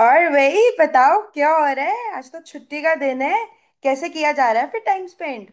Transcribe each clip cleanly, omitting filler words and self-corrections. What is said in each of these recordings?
और वही बताओ क्या हो रहा है। आज तो छुट्टी का दिन है, कैसे किया जा रहा है फिर टाइम स्पेंड।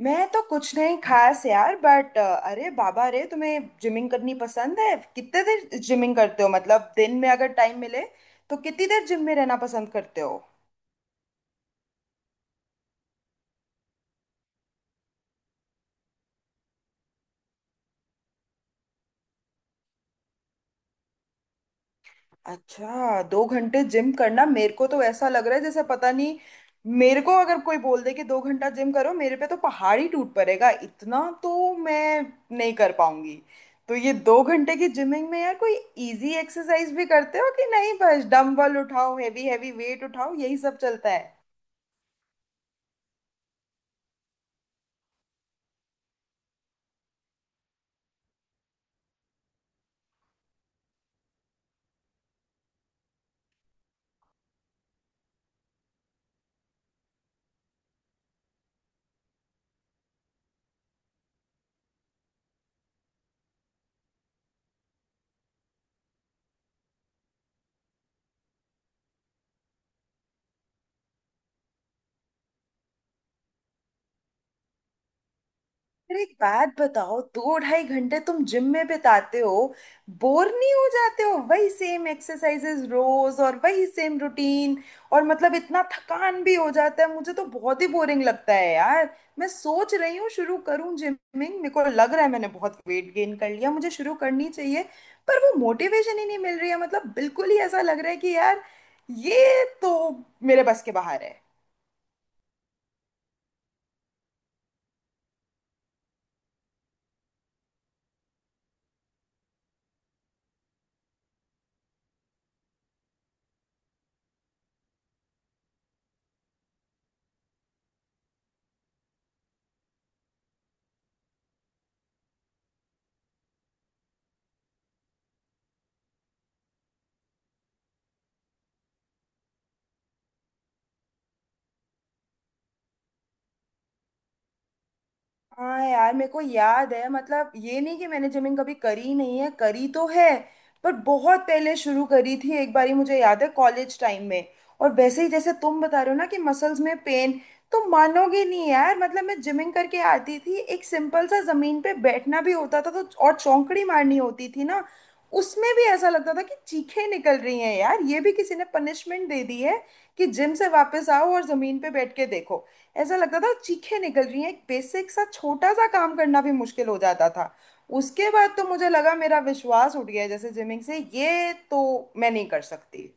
मैं तो कुछ नहीं खास यार। बट अरे बाबा रे, तुम्हें जिमिंग करनी पसंद है। कितने देर जिमिंग करते हो मतलब दिन में अगर टाइम मिले तो कितनी देर जिम में रहना पसंद करते हो। अच्छा, दो घंटे जिम करना, मेरे को तो ऐसा लग रहा है जैसे पता नहीं। मेरे को अगर कोई बोल दे कि दो घंटा जिम करो, मेरे पे तो पहाड़ ही टूट पड़ेगा। इतना तो मैं नहीं कर पाऊंगी। तो ये दो घंटे की जिमिंग में यार कोई इजी एक्सरसाइज भी करते हो कि नहीं, बस डंबल उठाओ हैवी हैवी वेट उठाओ यही सब चलता है। अरे एक बात बताओ, दो ढाई घंटे तुम जिम में बिताते हो, बोर नहीं हो जाते हो वही सेम एक्सरसाइजेज रोज और वही सेम रूटीन। और मतलब इतना थकान भी हो जाता है, मुझे तो बहुत ही बोरिंग लगता है यार। मैं सोच रही हूँ शुरू करूँ जिमिंग, मेरे को लग रहा है मैंने बहुत वेट गेन कर लिया, मुझे शुरू करनी चाहिए। पर वो मोटिवेशन ही नहीं मिल रही है। मतलब बिल्कुल ही ऐसा लग रहा है कि यार ये तो मेरे बस के बाहर है। हाँ यार, मेरे को याद है। मतलब ये नहीं कि मैंने जिमिंग कभी करी नहीं है, करी तो है। पर बहुत पहले शुरू करी थी एक बारी, मुझे याद है कॉलेज टाइम में। और वैसे ही जैसे तुम बता रहे हो ना कि मसल्स में पेन, तो मानोगे नहीं यार। मतलब मैं जिमिंग करके आती थी, एक सिंपल सा जमीन पे बैठना भी होता था तो और चौंकड़ी मारनी होती थी ना, उसमें भी ऐसा लगता था कि चीखें निकल रही हैं यार। ये भी किसी ने पनिशमेंट दे दी है कि जिम से वापस आओ और जमीन पे बैठ के देखो। ऐसा लगता था चीखें निकल रही हैं, एक बेसिक सा छोटा सा काम करना भी मुश्किल हो जाता था। उसके बाद तो मुझे लगा मेरा विश्वास उठ गया है जैसे जिमिंग से, ये तो मैं नहीं कर सकती।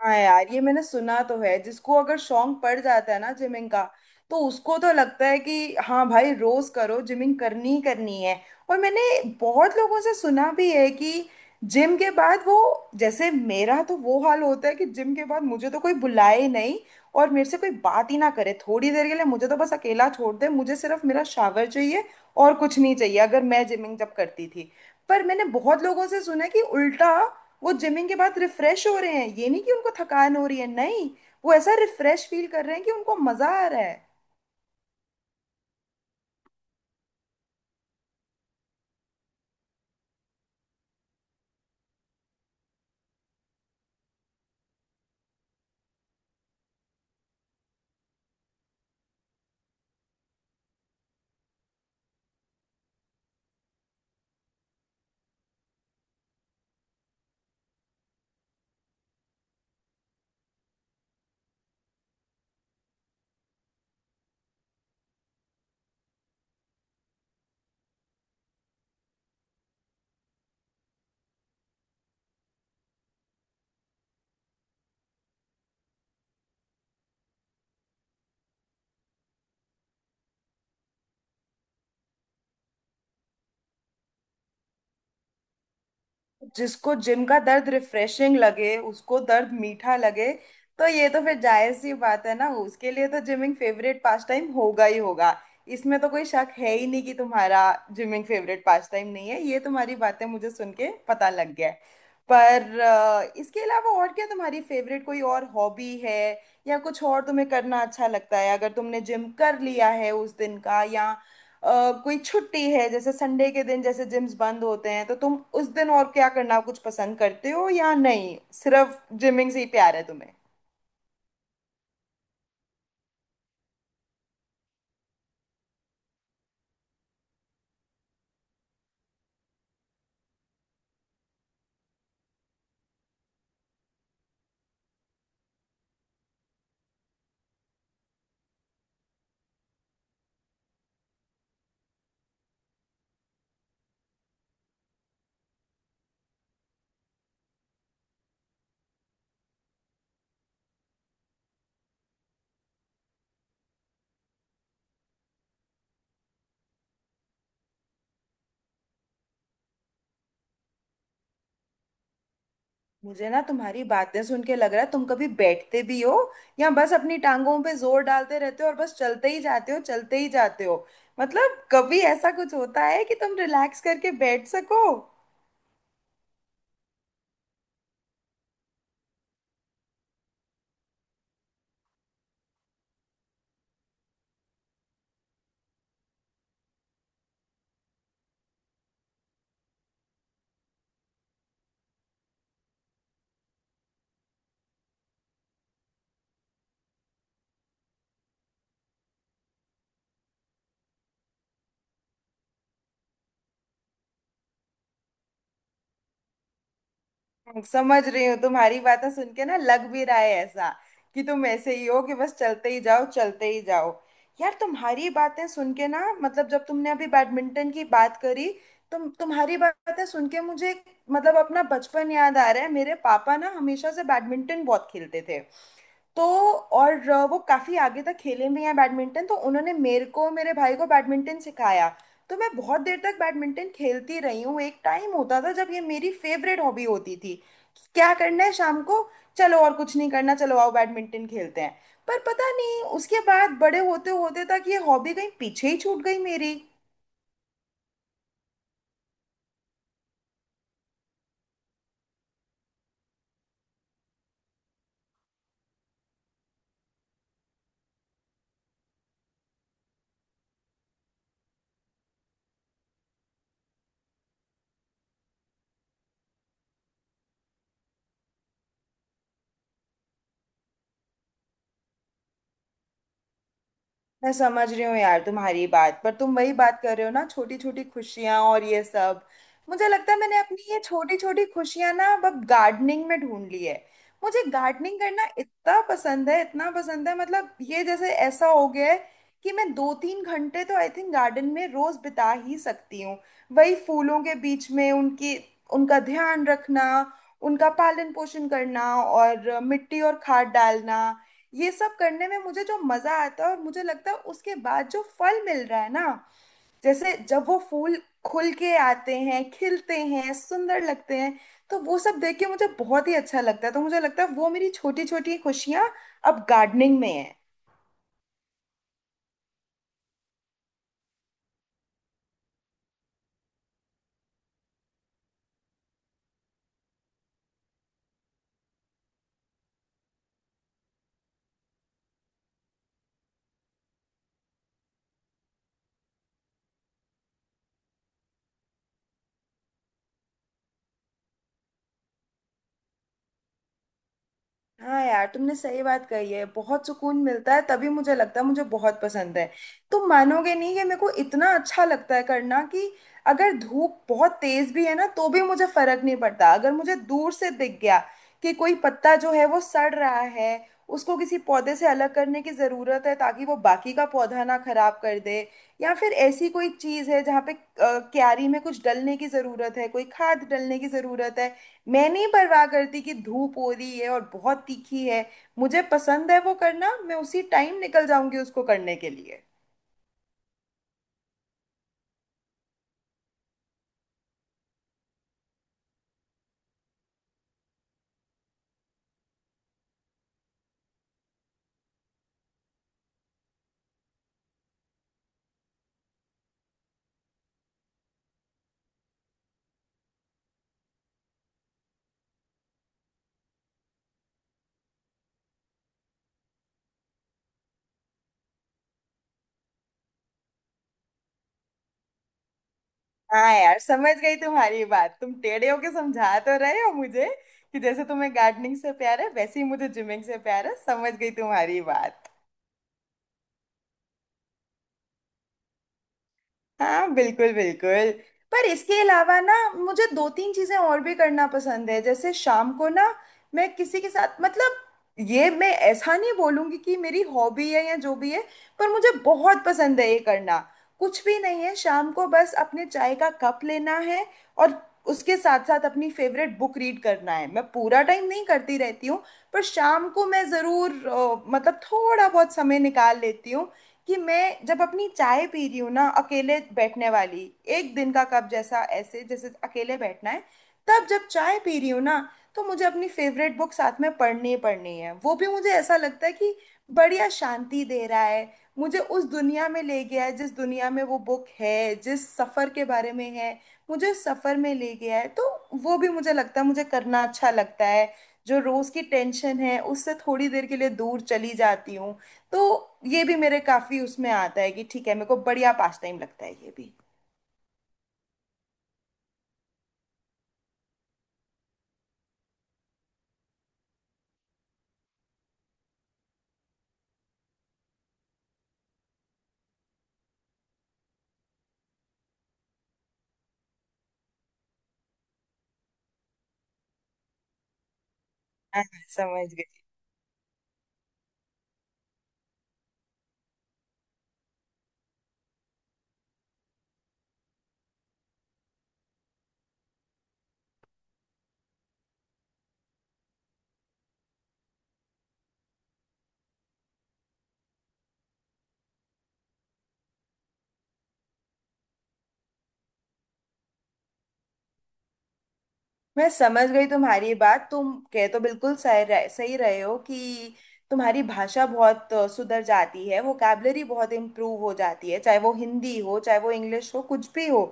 हाँ यार, ये मैंने सुना तो है, जिसको अगर शौक पड़ जाता है ना जिमिंग का तो उसको तो लगता है कि हाँ भाई रोज करो, जिमिंग करनी ही करनी है। और मैंने बहुत लोगों से सुना भी है कि जिम के बाद वो, जैसे मेरा तो वो हाल होता है कि जिम के बाद मुझे तो कोई बुलाए नहीं और मेरे से कोई बात ही ना करे। थोड़ी देर के लिए मुझे तो बस अकेला छोड़ दे, मुझे सिर्फ मेरा शावर चाहिए और कुछ नहीं चाहिए, अगर मैं जिमिंग जब करती थी। पर मैंने बहुत लोगों से सुना है कि उल्टा, वो जिमिंग के बाद रिफ्रेश हो रहे हैं। ये नहीं कि उनको थकान हो रही है, नहीं, वो ऐसा रिफ्रेश फील कर रहे हैं कि उनको मजा आ रहा है। जिसको जिम का दर्द रिफ्रेशिंग लगे, उसको दर्द मीठा लगे, तो ये तो फिर जायज सी बात है ना। उसके लिए तो जिमिंग फेवरेट पास टाइम होगा ही होगा। इसमें तो कोई शक है ही नहीं कि तुम्हारा जिमिंग फेवरेट पास टाइम नहीं है, ये तुम्हारी बातें मुझे सुन के पता लग गया है। पर इसके अलावा और क्या तुम्हारी फेवरेट कोई और हॉबी है, या कुछ और तुम्हें करना अच्छा लगता है अगर तुमने जिम कर लिया है उस दिन का। या कोई छुट्टी है जैसे संडे के दिन जैसे जिम्स बंद होते हैं, तो तुम उस दिन और क्या करना कुछ पसंद करते हो या नहीं। सिर्फ जिमिंग से ही प्यार है तुम्हें। मुझे ना तुम्हारी बातें सुन के लग रहा है, तुम कभी बैठते भी हो या बस अपनी टांगों पे जोर डालते रहते हो और बस चलते ही जाते हो चलते ही जाते हो। मतलब कभी ऐसा कुछ होता है कि तुम रिलैक्स करके बैठ सको। समझ रही हूँ तुम्हारी बातें सुन के ना, लग भी रहा है ऐसा कि तुम ऐसे ही हो कि बस चलते ही जाओ चलते ही जाओ। यार तुम्हारी बातें सुन के ना, मतलब जब तुमने अभी बैडमिंटन की बात करी, तुम्हारी बातें सुन के मुझे मतलब अपना बचपन याद आ रहा है। मेरे पापा ना हमेशा से बैडमिंटन बहुत खेलते थे। तो और वो काफी आगे तक खेले भी हैं बैडमिंटन, तो उन्होंने मेरे को मेरे भाई को बैडमिंटन सिखाया। तो मैं बहुत देर तक बैडमिंटन खेलती रही हूँ। एक टाइम होता था जब ये मेरी फेवरेट हॉबी होती थी। क्या करना है शाम को, चलो और कुछ नहीं करना, चलो आओ बैडमिंटन खेलते हैं। पर पता नहीं उसके बाद बड़े होते होते तक ये हॉबी कहीं पीछे ही छूट गई मेरी। मैं समझ रही हूँ यार तुम्हारी बात। पर तुम वही बात कर रहे हो ना, छोटी छोटी खुशियां और ये सब। मुझे लगता है मैंने अपनी ये छोटी छोटी खुशियां ना अब गार्डनिंग में ढूंढ ली है। मुझे गार्डनिंग करना इतना पसंद है, इतना पसंद है, मतलब ये जैसे ऐसा हो गया है कि मैं दो तीन घंटे तो आई थिंक गार्डन में रोज बिता ही सकती हूँ। वही फूलों के बीच में उनकी उनका ध्यान रखना, उनका पालन पोषण करना और मिट्टी और खाद डालना, ये सब करने में मुझे जो मजा आता है, और मुझे लगता है उसके बाद जो फल मिल रहा है ना, जैसे जब वो फूल खुल के आते हैं, खिलते हैं, सुंदर लगते हैं, तो वो सब देख के मुझे बहुत ही अच्छा लगता है। तो मुझे लगता है वो मेरी छोटी छोटी खुशियां अब गार्डनिंग में है। हाँ यार तुमने सही बात कही है, बहुत सुकून मिलता है, तभी मुझे लगता है मुझे बहुत पसंद है। तुम मानोगे नहीं कि मेरे को इतना अच्छा लगता है करना कि अगर धूप बहुत तेज भी है ना तो भी मुझे फर्क नहीं पड़ता। अगर मुझे दूर से दिख गया कि कोई पत्ता जो है वो सड़ रहा है, उसको किसी पौधे से अलग करने की ज़रूरत है ताकि वो बाकी का पौधा ना खराब कर दे। या फिर ऐसी कोई चीज़ है जहाँ पे क्यारी में कुछ डलने की ज़रूरत है, कोई खाद डलने की ज़रूरत है, मैं नहीं परवाह करती कि धूप हो रही है और बहुत तीखी है। मुझे पसंद है वो करना, मैं उसी टाइम निकल जाऊंगी उसको करने के लिए। हाँ यार समझ गई तुम्हारी बात, तुम टेढ़े होके समझा तो रहे हो मुझे कि जैसे तुम्हें गार्डनिंग से प्यार है वैसे ही मुझे जिमिंग से प्यार है। समझ गई तुम्हारी बात। हाँ, बिल्कुल बिल्कुल। पर इसके अलावा ना, मुझे दो तीन चीजें और भी करना पसंद है। जैसे शाम को ना, मैं किसी के साथ मतलब, ये मैं ऐसा नहीं बोलूंगी कि मेरी हॉबी है या जो भी है, पर मुझे बहुत पसंद है ये करना। कुछ भी नहीं है, शाम को बस अपने चाय का कप लेना है और उसके साथ साथ अपनी फेवरेट बुक रीड करना है। मैं पूरा टाइम नहीं करती रहती हूँ पर शाम को मैं जरूर मतलब थोड़ा बहुत समय निकाल लेती हूँ कि मैं जब अपनी चाय पी रही हूँ ना अकेले बैठने वाली एक दिन का कप जैसा, ऐसे जैसे अकेले बैठना है, तब जब चाय पी रही हूँ ना, तो मुझे अपनी फेवरेट बुक साथ में पढ़नी ही पढ़नी है। वो भी मुझे ऐसा लगता है कि बढ़िया शांति दे रहा है, मुझे उस दुनिया में ले गया है जिस दुनिया में वो बुक है, जिस सफ़र के बारे में है मुझे उस सफ़र में ले गया है। तो वो भी मुझे लगता है मुझे करना अच्छा लगता है। जो रोज़ की टेंशन है उससे थोड़ी देर के लिए दूर चली जाती हूँ। तो ये भी मेरे काफी उसमें आता है कि ठीक है, मेरे को बढ़िया पास टाइम लगता है ये भी। हाँ, समझ गई। मैं समझ गई तुम्हारी बात, तुम कह तो बिल्कुल सही रहे हो कि तुम्हारी भाषा बहुत सुधर जाती है, वोकैबलरी बहुत इम्प्रूव हो जाती है, चाहे वो हिंदी हो चाहे वो इंग्लिश हो कुछ भी हो,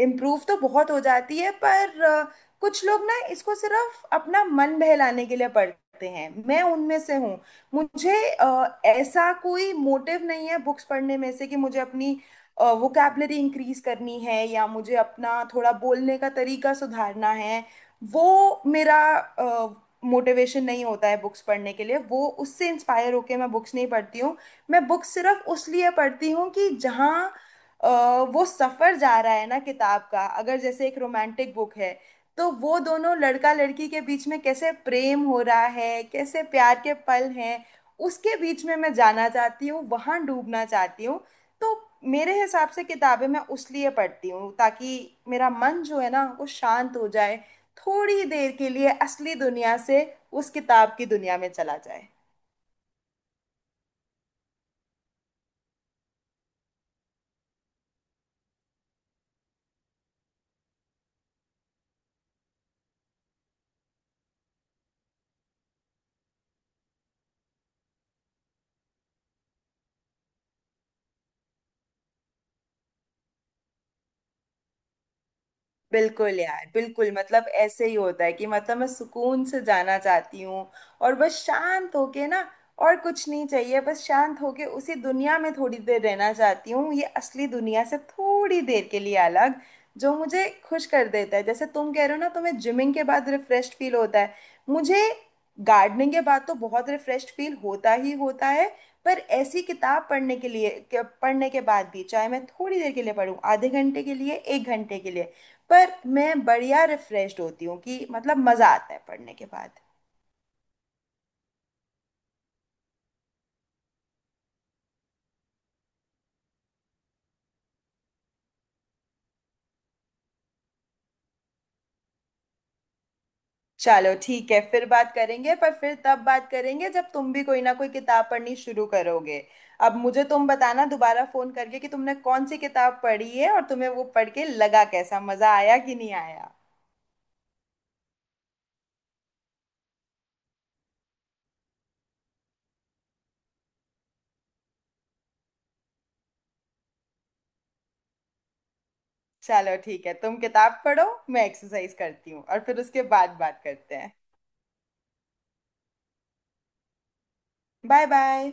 इम्प्रूव तो बहुत हो जाती है। पर कुछ लोग ना इसको सिर्फ अपना मन बहलाने के लिए पढ़ते हैं, मैं उनमें से हूँ। मुझे ऐसा कोई मोटिव नहीं है बुक्स पढ़ने में से कि मुझे अपनी वोकैबलरी इंक्रीज करनी है या मुझे अपना थोड़ा बोलने का तरीका सुधारना है। वो मेरा मोटिवेशन नहीं होता है बुक्स पढ़ने के लिए, वो उससे इंस्पायर होके मैं बुक्स नहीं पढ़ती हूँ। मैं बुक्स सिर्फ उस लिए पढ़ती हूँ कि जहाँ अ, वो सफ़र जा रहा है ना किताब का, अगर जैसे एक रोमांटिक बुक है तो वो दोनों लड़का लड़की के बीच में कैसे प्रेम हो रहा है, कैसे प्यार के पल हैं, उसके बीच में मैं जाना चाहती हूँ, वहाँ डूबना चाहती हूँ। तो मेरे हिसाब से किताबें मैं उस लिए पढ़ती हूँ ताकि मेरा मन जो है ना वो शांत हो जाए, थोड़ी देर के लिए असली दुनिया से उस किताब की दुनिया में चला जाए। बिल्कुल यार बिल्कुल, मतलब ऐसे ही होता है कि मतलब मैं सुकून से जाना चाहती हूँ और बस शांत होके ना, और कुछ नहीं चाहिए, बस शांत होके उसी दुनिया में थोड़ी देर रहना चाहती हूँ, ये असली दुनिया से थोड़ी देर के लिए अलग जो मुझे खुश कर देता है। जैसे तुम कह रहे हो ना तुम्हें जिमिंग के बाद रिफ्रेश फील होता है, मुझे गार्डनिंग के बाद तो बहुत रिफ्रेश फील होता ही होता है, पर ऐसी किताब पढ़ने पढ़ने के बाद भी, चाहे मैं थोड़ी देर के लिए पढूं, आधे घंटे के लिए एक घंटे के लिए, पर मैं बढ़िया रिफ्रेश्ड होती हूँ कि मतलब मजा आता है पढ़ने के बाद। चलो ठीक है फिर बात करेंगे, पर फिर तब बात करेंगे जब तुम भी कोई ना कोई किताब पढ़नी शुरू करोगे। अब मुझे तुम बताना दोबारा फोन करके कि तुमने कौन सी किताब पढ़ी है और तुम्हें वो पढ़ के लगा कैसा, मजा आया कि नहीं आया। चलो ठीक है, तुम किताब पढ़ो, मैं एक्सरसाइज करती हूँ और फिर उसके बाद बात करते हैं। Bye bye.